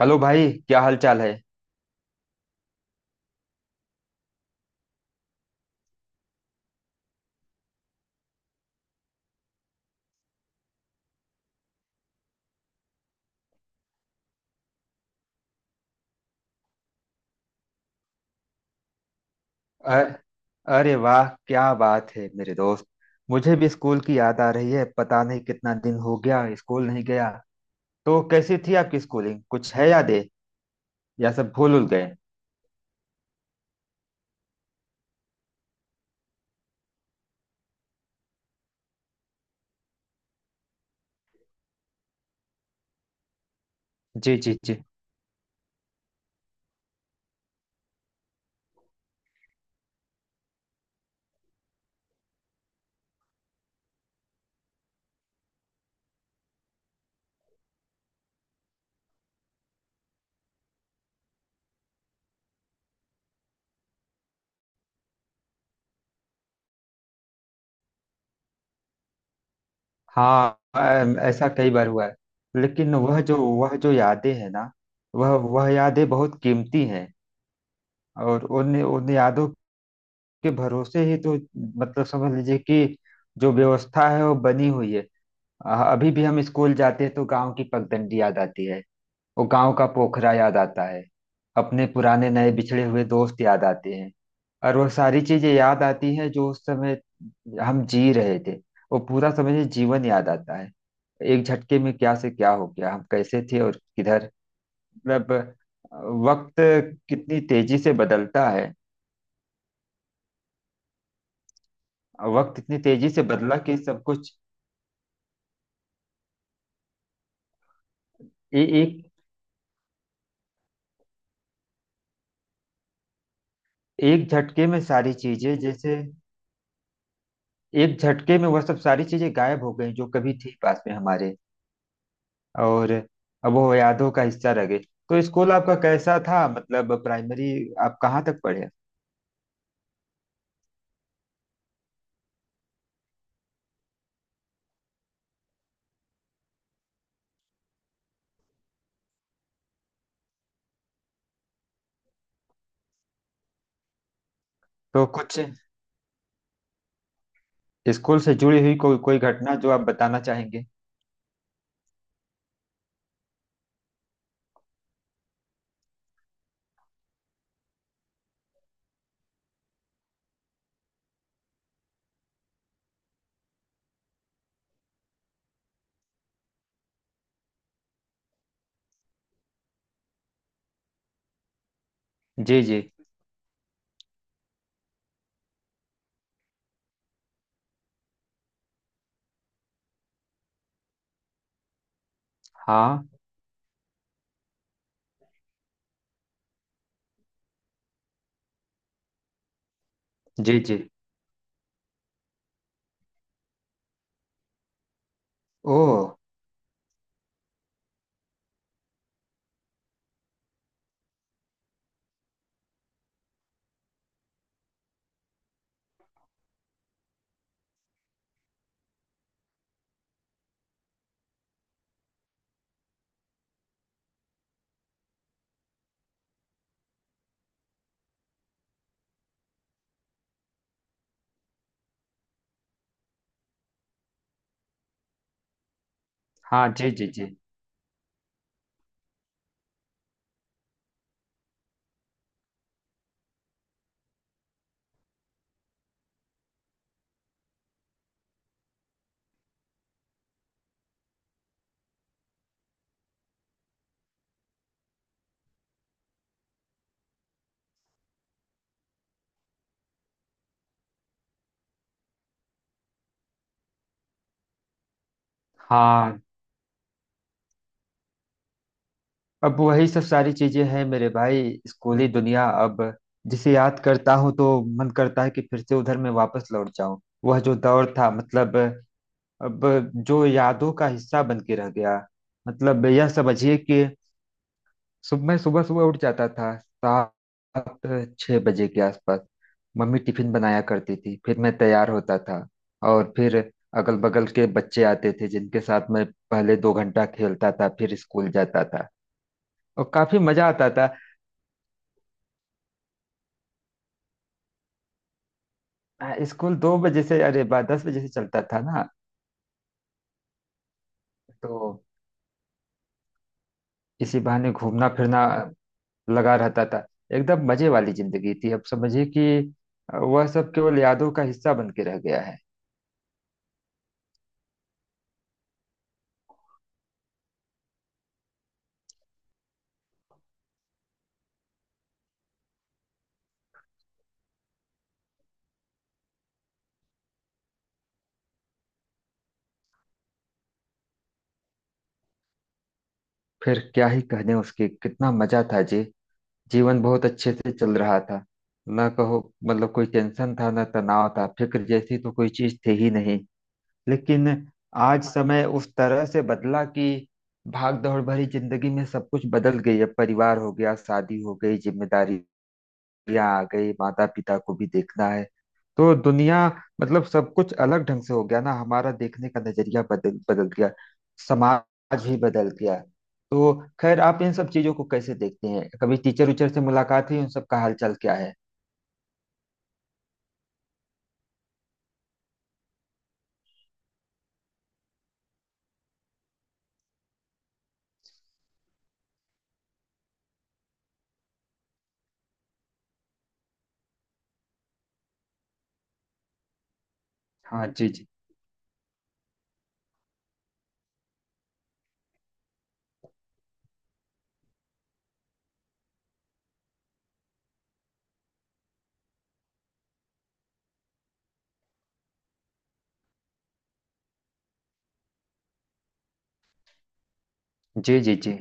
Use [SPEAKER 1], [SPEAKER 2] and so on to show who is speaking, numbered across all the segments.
[SPEAKER 1] Hello भाई, क्या हाल चाल है। अ- अरे वाह, क्या बात है मेरे दोस्त। मुझे भी स्कूल की याद आ रही है। पता नहीं कितना दिन हो गया स्कूल नहीं गया। तो कैसी थी आपकी स्कूलिंग, कुछ है यादें या सब भूल उल गए। जी जी जी। हाँ ऐसा कई बार हुआ है। लेकिन वह जो यादें हैं ना। वह वह यादें बहुत कीमती हैं। और उन उन यादों के भरोसे ही तो, मतलब समझ लीजिए कि जो व्यवस्था है वो बनी हुई है। अभी भी हम स्कूल जाते हैं तो गांव की पगडंडी याद आती है। वो गांव का पोखरा याद आता है। अपने पुराने नए बिछड़े हुए दोस्त याद आते हैं। और वो सारी चीजें याद आती हैं जो उस समय हम जी रहे थे। वो पूरा समझिए जीवन याद आता है। एक झटके में क्या से क्या हो गया, हम कैसे थे और किधर। मतलब वक्त कितनी तेजी से बदलता है। वक्त इतनी तेजी से बदला कि सब कुछ, ए, एक एक झटके में सारी चीजें जैसे, एक झटके में वह सब सारी चीजें गायब हो गई जो कभी थी पास में हमारे। और अब वो यादों का हिस्सा रह गई। तो स्कूल आपका कैसा था, मतलब प्राइमरी आप कहाँ तक पढ़े। तो कुछ स्कूल से जुड़ी हुई कोई कोई घटना जो आप बताना चाहेंगे। जी जी। हाँ जी जी। ओह। हाँ जी जी जी। हाँ, अब वही सब सारी चीजें हैं मेरे भाई। स्कूली दुनिया अब जिसे याद करता हूँ तो मन करता है कि फिर से उधर मैं वापस लौट जाऊं। वह जो दौर था, मतलब अब जो यादों का हिस्सा बन के रह गया। मतलब यह समझिए कि सुबह मैं सुबह सुबह उठ जाता था 7 6 बजे के आसपास। मम्मी टिफिन बनाया करती थी, फिर मैं तैयार होता था। और फिर अगल बगल के बच्चे आते थे जिनके साथ मैं पहले 2 घंटा खेलता था, फिर स्कूल जाता था। और काफी मजा आता था। स्कूल 2 बजे से, अरे बा 10 बजे से चलता था ना। तो इसी बहाने घूमना फिरना लगा रहता था। एकदम मजे वाली जिंदगी थी, अब समझिए कि वह सब केवल यादों का हिस्सा बन के रह गया है। फिर क्या ही कहने उसके, कितना मजा था जी। जीवन बहुत अच्छे से चल रहा था ना, कहो मतलब कोई टेंशन था ना तनाव था, फिक्र जैसी तो कोई चीज थी ही नहीं। लेकिन आज समय उस तरह से बदला कि भाग दौड़ भरी जिंदगी में सब कुछ बदल गई है। परिवार हो गया, शादी हो गई, जिम्मेदारी या आ गई, माता पिता को भी देखना है। तो दुनिया, मतलब सब कुछ अलग ढंग से हो गया, ना हमारा देखने का नजरिया बदल बदल गया, समाज ही बदल गया। तो खैर, आप इन सब चीजों को कैसे देखते हैं, कभी टीचर उचर से मुलाकात हुई, उन सब का हालचाल क्या है। हाँ जी जी। जी जी जी।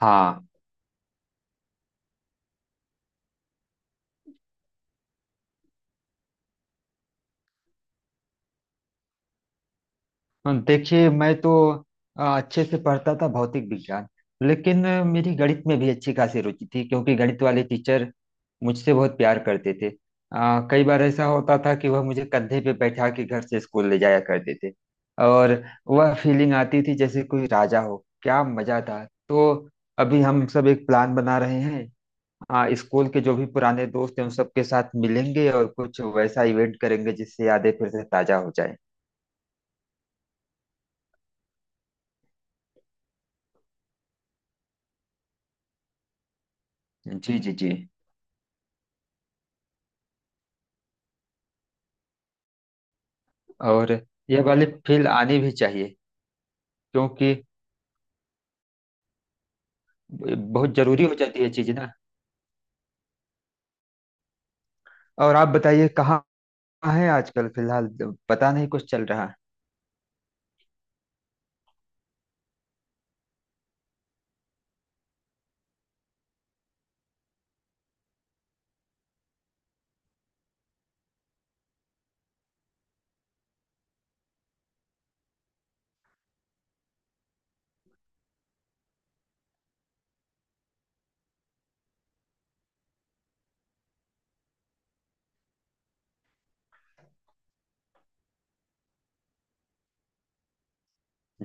[SPEAKER 1] हाँ हाँ, देखिए मैं तो अच्छे से पढ़ता था भौतिक विज्ञान। लेकिन मेरी गणित में भी अच्छी खासी रुचि थी क्योंकि गणित वाले टीचर मुझसे बहुत प्यार करते थे। कई बार ऐसा होता था कि वह मुझे कंधे पे बैठा के घर से स्कूल ले जाया करते थे। और वह फीलिंग आती थी जैसे कोई राजा हो, क्या मजा था। तो अभी हम सब एक प्लान बना रहे हैं। स्कूल के जो भी पुराने दोस्त हैं उन सबके साथ मिलेंगे और कुछ वैसा इवेंट करेंगे जिससे यादें फिर से ताजा हो जाए। जी जी जी। और यह वाली फील आनी भी चाहिए, क्योंकि बहुत जरूरी हो जाती है चीज ना। और आप बताइए कहाँ है आजकल, फिलहाल पता नहीं कुछ चल रहा है।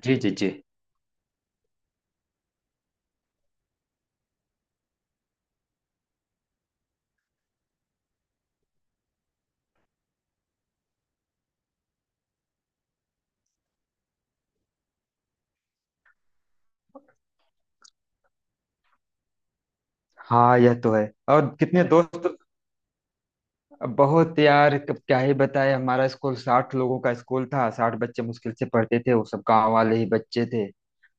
[SPEAKER 1] जी जी जी। हाँ यह तो है। और कितने दोस्त बहुत यार, कब क्या ही बताए। हमारा स्कूल 60 लोगों का स्कूल था, 60 बच्चे मुश्किल से पढ़ते थे, वो सब गांव वाले ही बच्चे थे।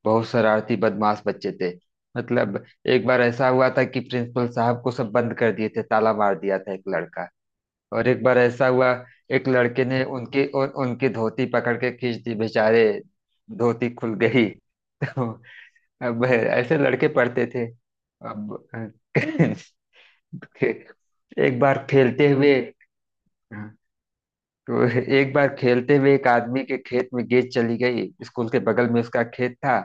[SPEAKER 1] बहुत शरारती बदमाश बच्चे थे। मतलब एक बार ऐसा हुआ था कि प्रिंसिपल साहब को सब बंद कर दिए थे, ताला मार दिया था एक लड़का। और एक बार ऐसा हुआ, एक लड़के ने उनकी धोती पकड़ के खींच दी बेचारे, धोती खुल गई। तो अब ऐसे लड़के पढ़ते थे अब। एक बार खेलते हुए तो एक बार खेलते हुए एक आदमी के खेत में गेंद चली गई, स्कूल के बगल में उसका खेत था।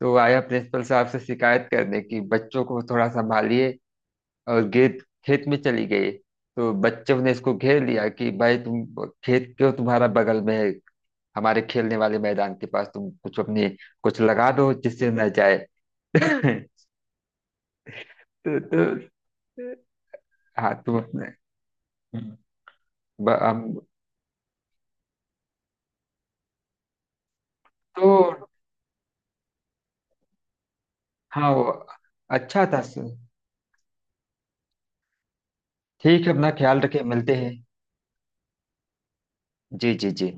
[SPEAKER 1] तो वो आया प्रिंसिपल साहब से शिकायत करने की बच्चों को थोड़ा संभालिए, और गेट खेत में चली गई। तो बच्चों ने इसको घेर लिया कि भाई तुम, खेत क्यों तुम्हारा बगल में है हमारे खेलने वाले मैदान के पास, तुम कुछ अपने कुछ लगा दो जिससे न जाए। तो, तो हाँ तुम अपने, हम, तो हाँ वो अच्छा था सर। ठीक है, अपना ख्याल रखे मिलते हैं। जी जी जी।